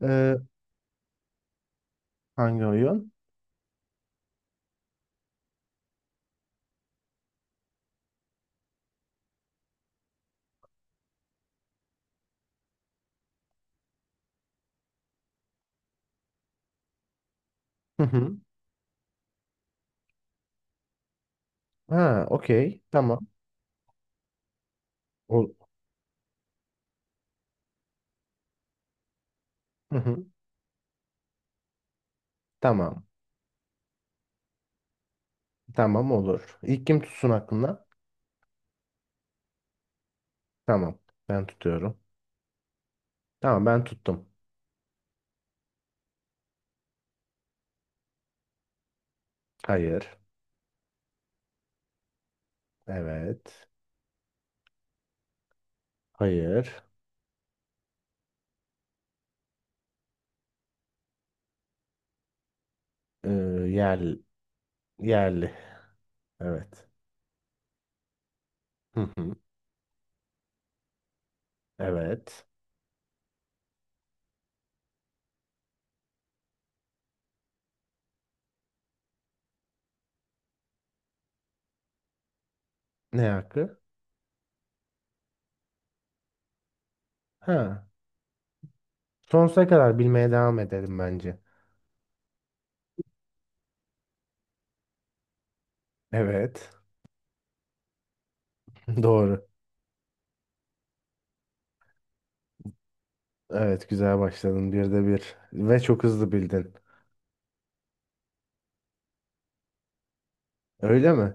Ee, hangi oyun? Hı hı. Ha, okey. Tamam. Ol- Hı hı. Tamam. Tamam olur. İlk kim tutsun aklına? Tamam. Ben tutuyorum. Tamam ben tuttum. Hayır. Evet. Hayır. Ee, yer, yerli. Evet. Hı hı. Evet. Ne hakkı? Ha. Sonsuza kadar bilmeye devam edelim bence. Evet. Doğru. Evet, güzel başladın. Bir de bir. Ve çok hızlı bildin. Öyle mi?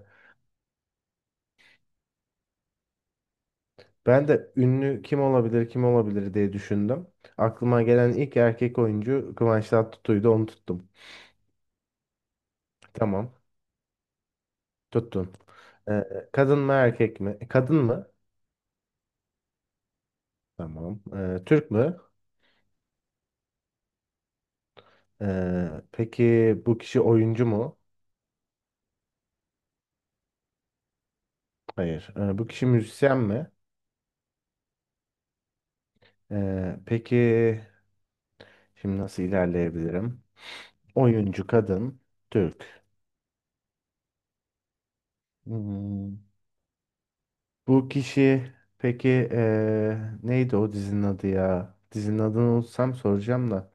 Ben de ünlü kim olabilir kim olabilir diye düşündüm. Aklıma gelen ilk erkek oyuncu Kıvanç Tatlıtuğ'ydu, onu tuttum. Tamam, tuttun. Ee, kadın mı erkek mi? Kadın mı? Tamam. Türk mü? Peki bu kişi oyuncu mu? Hayır. Bu kişi müzisyen mi? Peki şimdi nasıl ilerleyebilirim? Oyuncu, kadın, Türk. Hmm. Bu kişi peki neydi o dizinin adı ya? Dizinin adını unutsam soracağım da.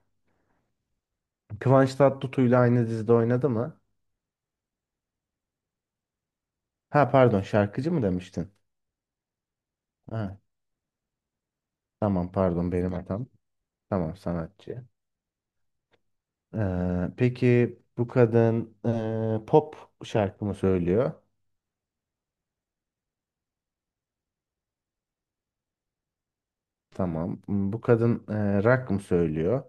Kıvanç Tatlıtuğ'yla aynı dizide oynadı mı? Ha, pardon, şarkıcı mı demiştin? Ha, tamam, pardon, benim hatam. Tamam, sanatçı. Peki bu kadın pop şarkı mı söylüyor? Tamam. Bu kadın rock mı söylüyor?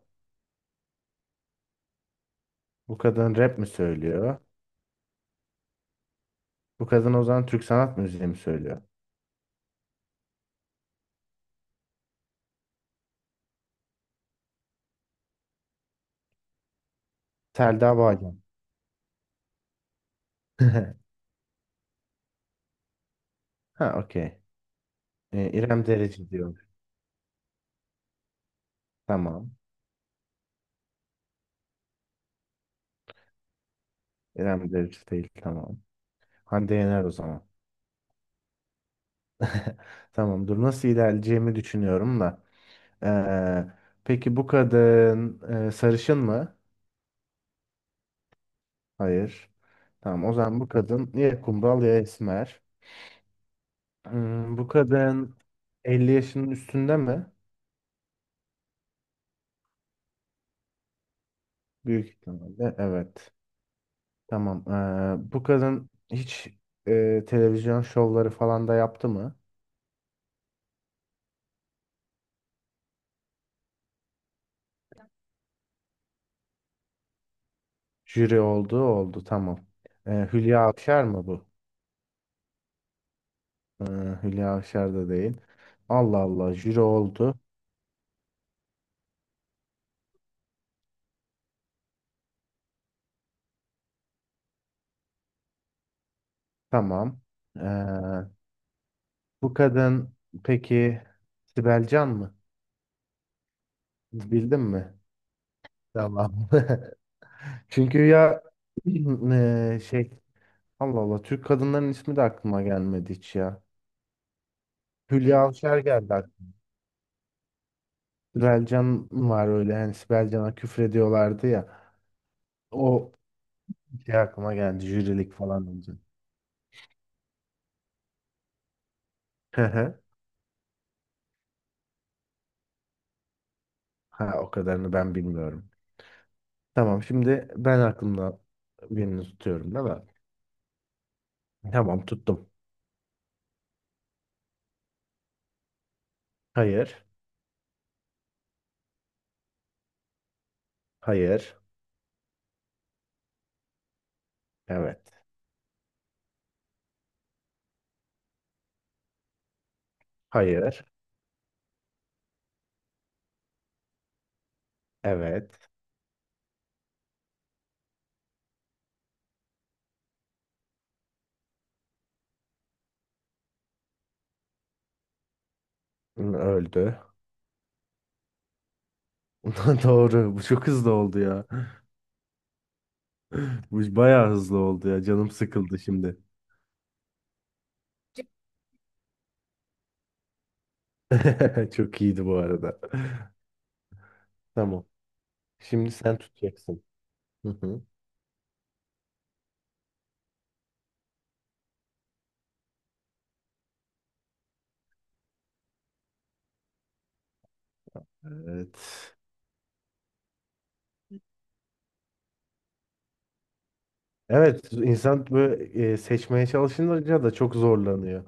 Bu kadın rap mi söylüyor? Bu kadın o zaman Türk sanat müziği mi söylüyor? Selda Bağcan. Ha, okey. İrem Derici diyor. Tamam. İrem Derici değil. Tamam. Hande Yener o zaman. Tamam. Dur, nasıl ilerleyeceğimi düşünüyorum da. Ee, peki bu kadın sarışın mı? Hayır. Tamam. O zaman bu kadın ya kumral ya esmer. Bu kadın 50 yaşının üstünde mi? Büyük ihtimalle. Evet. Tamam. Bu kadın hiç televizyon şovları falan da yaptı mı? Jüri oldu oldu. Tamam. Hülya Avşar mı bu? Ee, Hülya Avşar da değil. Allah Allah, jüri oldu. Tamam. Ee, bu kadın peki Sibel Can mı? Bildin mi? Tamam. Çünkü ya şey, Allah Allah, Türk kadınların ismi de aklıma gelmedi hiç ya. Hülya Avşar geldi aklıma. Sibel Can var, öyle hani Sibel Can'a küfrediyorlardı ya. O şey aklıma geldi, jürilik falan önce. Ha, o kadarını ben bilmiyorum. Tamam, şimdi ben aklımda birini tutuyorum değil mi? Tamam, tuttum. Hayır. Hayır. Evet. Hayır. Evet. Öldü. Doğru. Bu çok hızlı oldu ya. Bu bayağı hızlı oldu ya. Canım sıkıldı şimdi. Çok iyiydi bu arada. Tamam. Şimdi sen tutacaksın. Hı hı. Evet. Evet. insan böyle seçmeye çalışınca da çok zorlanıyor.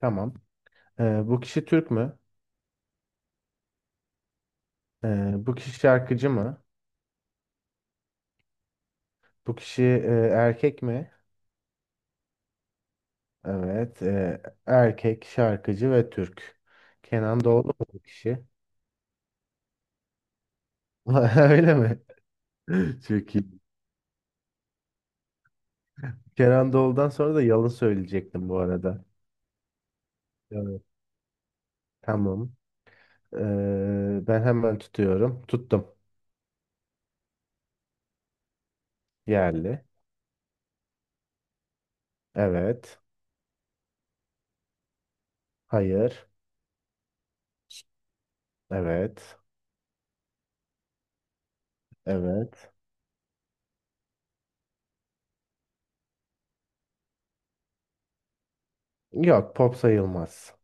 Tamam. E, bu kişi Türk mü? E, bu kişi şarkıcı mı? Bu kişi erkek mi? Evet. Erkek, şarkıcı ve Türk. Kenan Doğulu mu bu kişi? Öyle mi? Çok iyi. Kenan Doğulu'dan sonra da yalan söyleyecektim bu arada. Evet. Tamam. Ben hemen tutuyorum. Tuttum. Yerli. Evet. Hayır. Evet. Evet. Yok, pop sayılmaz.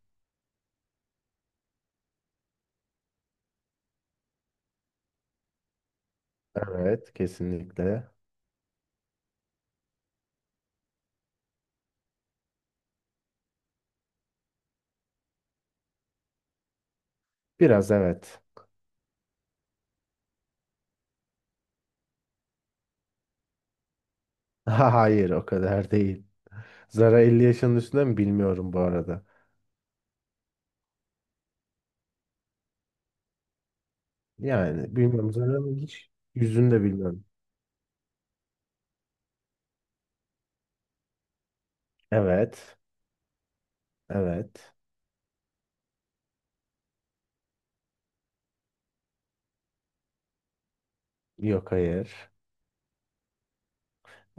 Evet, kesinlikle. Biraz evet. Hayır, o kadar değil. Zara 50 yaşının üstünde mi bilmiyorum bu arada. Yani bilmiyorum, zaten hiç yüzünü de bilmiyorum. Evet. Evet. Yok, hayır.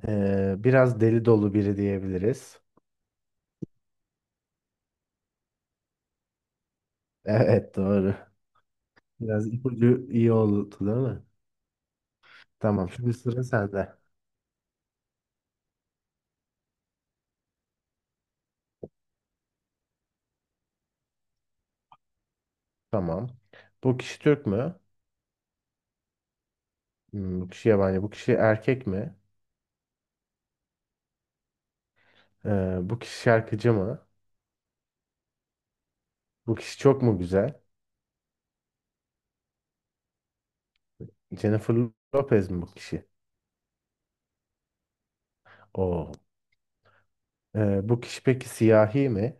Biraz deli dolu biri diyebiliriz. Evet, doğru. Biraz ipucu iyi oldu değil mi? Tamam, şimdi sıra sende. Tamam. Bu kişi Türk mü? Bu kişi yabancı. Bu kişi erkek mi? Bu kişi şarkıcı mı? Bu kişi çok mu güzel? Jennifer Lopez mi bu kişi? Oo. Bu kişi peki siyahi mi?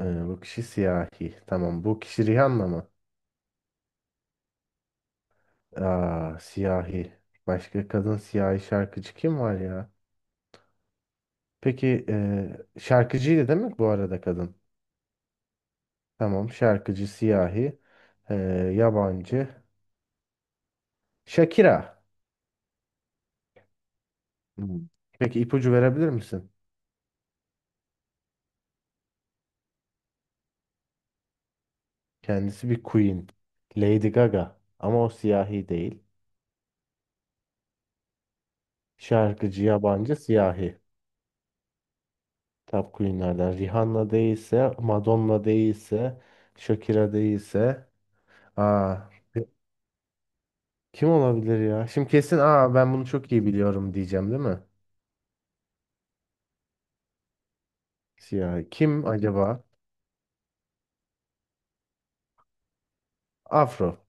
Bu kişi siyahi. Tamam. Bu kişi Rihanna mı? Aa, siyahi. Başka kadın siyahi şarkıcı kim var ya? Peki şarkıcıydı değil mi bu arada, kadın? Tamam, şarkıcı, siyahi, eee, yabancı. Shakira. Hmm. Peki, ipucu verebilir misin? Kendisi bir queen. Lady Gaga. Ama o siyahi değil. Şarkıcı, yabancı, siyahi. Top queenlerden. Rihanna değilse, Madonna değilse, Shakira değilse. Aa, kim olabilir ya? Şimdi kesin "aa, ben bunu çok iyi biliyorum" diyeceğim değil mi? Siyah. Kim acaba? Afro.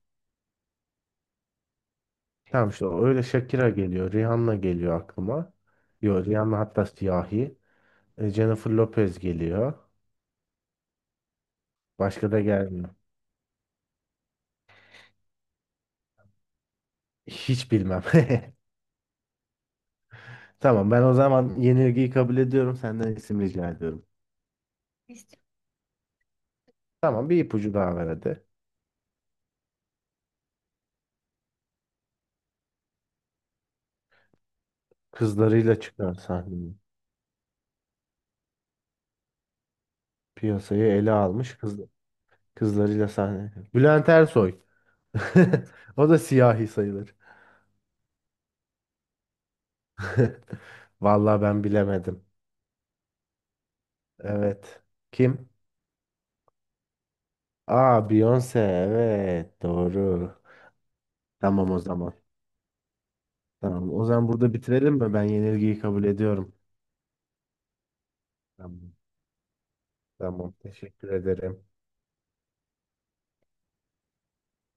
Tamam, işte o. Öyle Shakira geliyor. Rihanna geliyor aklıma. Yok, Rihanna hatta siyahi. Jennifer Lopez geliyor. Başka da gelmiyor. Hiç bilmem. Tamam, ben o zaman yenilgiyi kabul ediyorum. Senden isim rica ediyorum. Tamam, bir ipucu daha ver hadi. Kızlarıyla çıkan sahneye. Piyasayı ele almış kızlarıyla sahne. Bülent Ersoy. O da siyahi sayılır. Vallahi ben bilemedim. Evet. Kim? Aa, Beyoncé. Evet, doğru. Tamam o zaman. Tamam. O zaman burada bitirelim mi? Ben yenilgiyi kabul ediyorum. Tamam. Tamam. Teşekkür ederim.